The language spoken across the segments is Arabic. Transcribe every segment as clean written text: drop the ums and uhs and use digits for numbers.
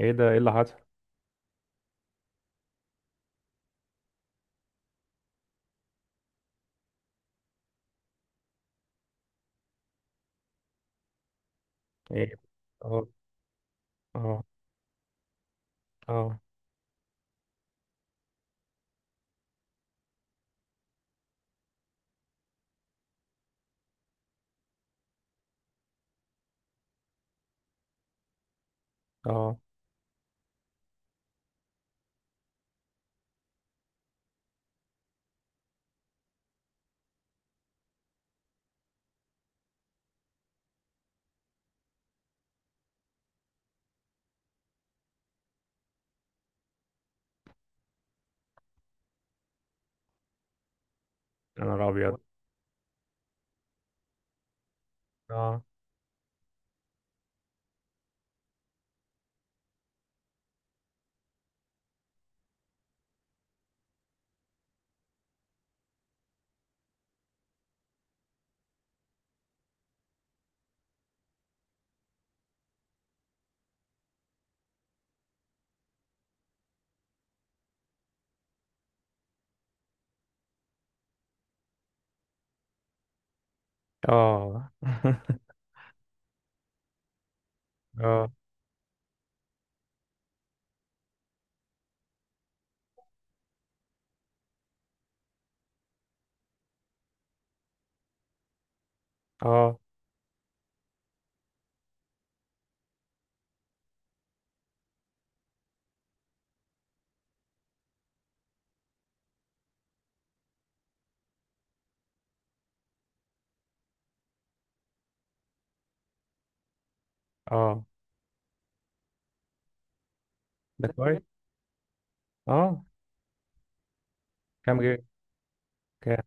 ايه ده؟ ايه اللي حصل؟ ايه. اه، اه، اه، اه. يا نهار ابيض! اه، اه. اه، اه، اه. ده كويس. اه. كام جيجا؟ كام؟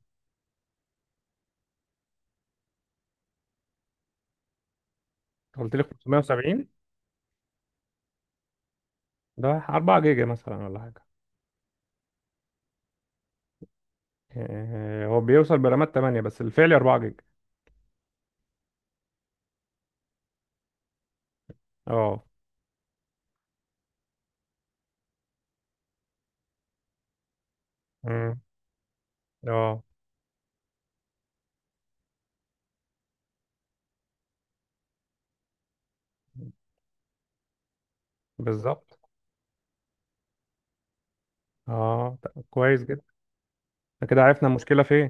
قلت لي 570. ده 4 جيجا مثلا ولا حاجه؟ آه، هو بيوصل برامات 8 بس الفعلي 4 جيجا. اه. امم. اه. بالظبط. اه، طب كويس جدا. إحنا كده عرفنا المشكله فين.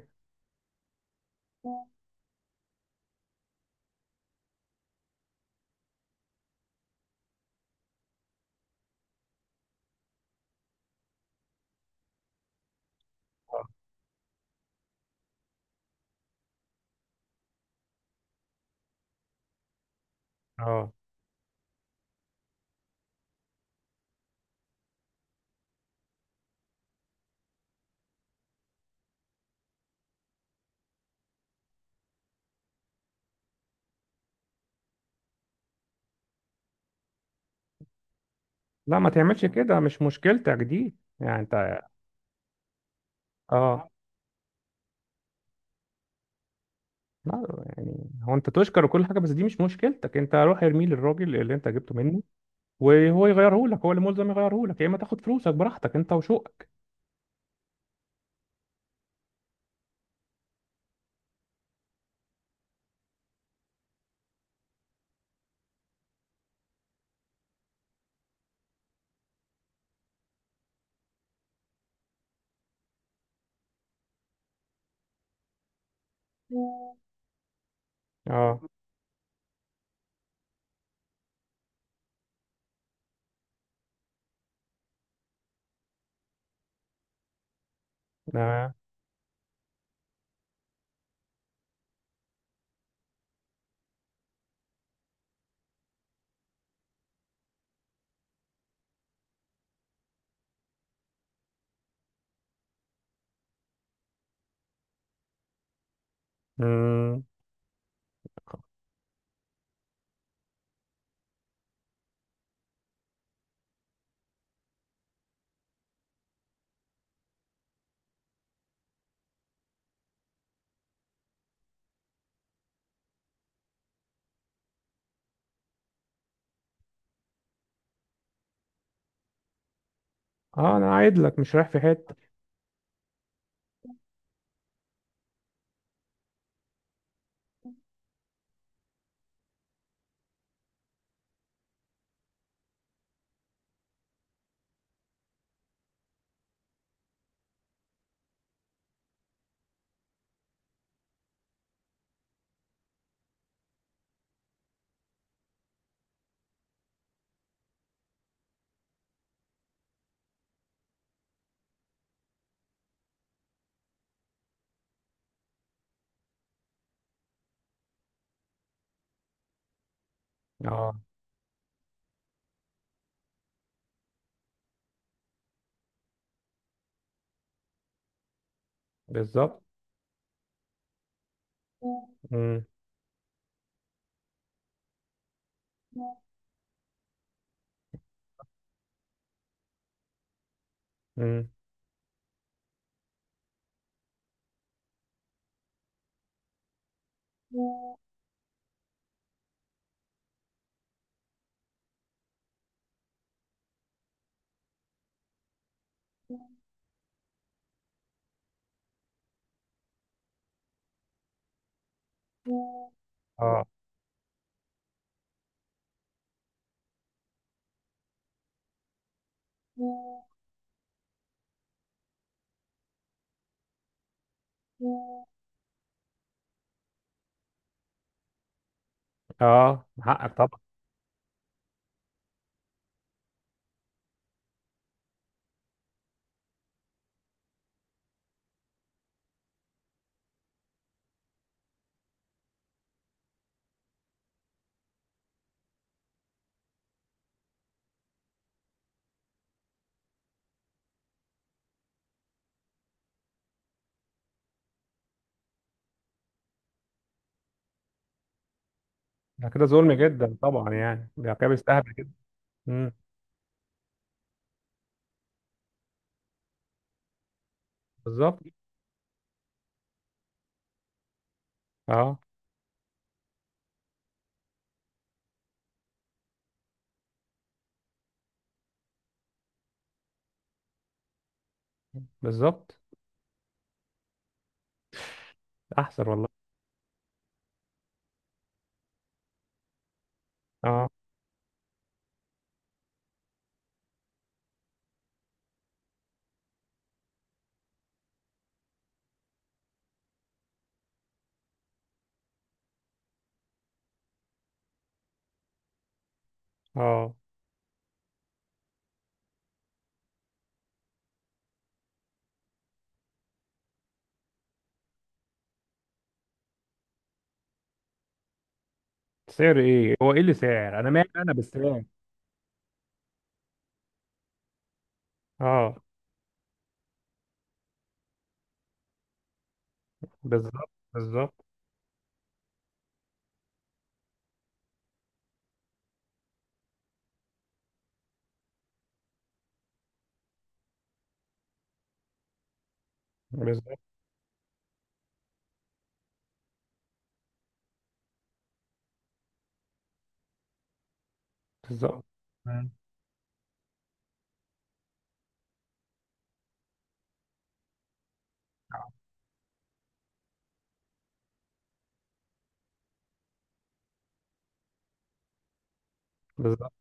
اه، لا، ما تعملش كده، مش مشكلتك دي يعني انت. اه. لا، يعني هو انت تشكر وكل حاجه، بس دي مش مشكلتك، انت روح ارميه للراجل اللي انت جبته منه. وهو يغيره لك، هو اللي ملزم يغيره لك، يا اما تاخد فلوسك براحتك انت وشوقك. اه، اه، مم. اه، انا عايد لك، مش رايح في حته. اه، بالظبط. مم. مم. اه، اه، حقك طبعا. ده كده ظلم جدا طبعا، يعني ده كده بيستهبل جدا. مم. بالظبط. اه، بالظبط. احسن والله. اه، اه. سعر ايه؟ هو ايه اللي سعر؟ انا مالي انا بالسعر؟ اه، بالظبط، بالظبط، بالظبط، بالظبط. مم. بالظبط.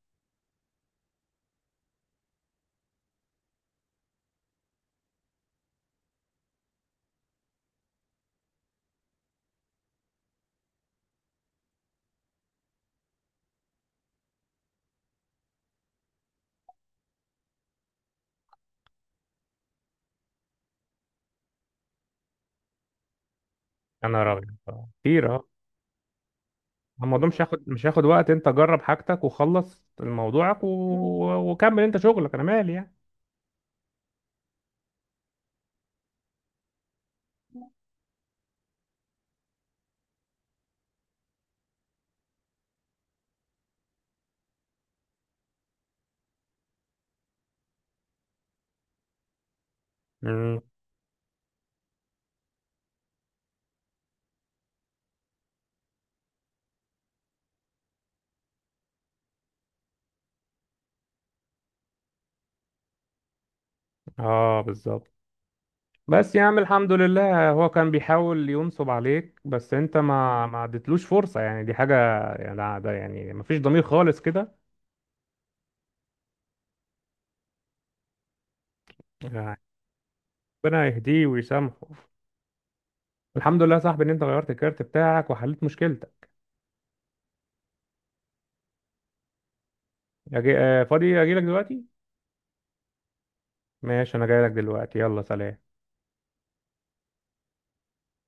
يا نهار أبيض، آه، كتير، أه. الموضوع مش هياخد وقت، أنت جرب حاجتك وخلص موضوعك وكمل أنت شغلك، أنا مالي يعني. مم. أه، بالظبط. بس يا عم الحمد لله، هو كان بيحاول ينصب عليك، بس أنت ما اديتلوش فرصة يعني، دي حاجة. يعني ده يعني مفيش ضمير خالص كده. يعني، ربنا يهديه ويسامحه. الحمد لله يا صاحبي إن أنت غيرت الكارت بتاعك وحليت مشكلتك. آه، فاضي، أجيلك دلوقتي. ماشي، انا جاي لك دلوقتي، يلا سلام.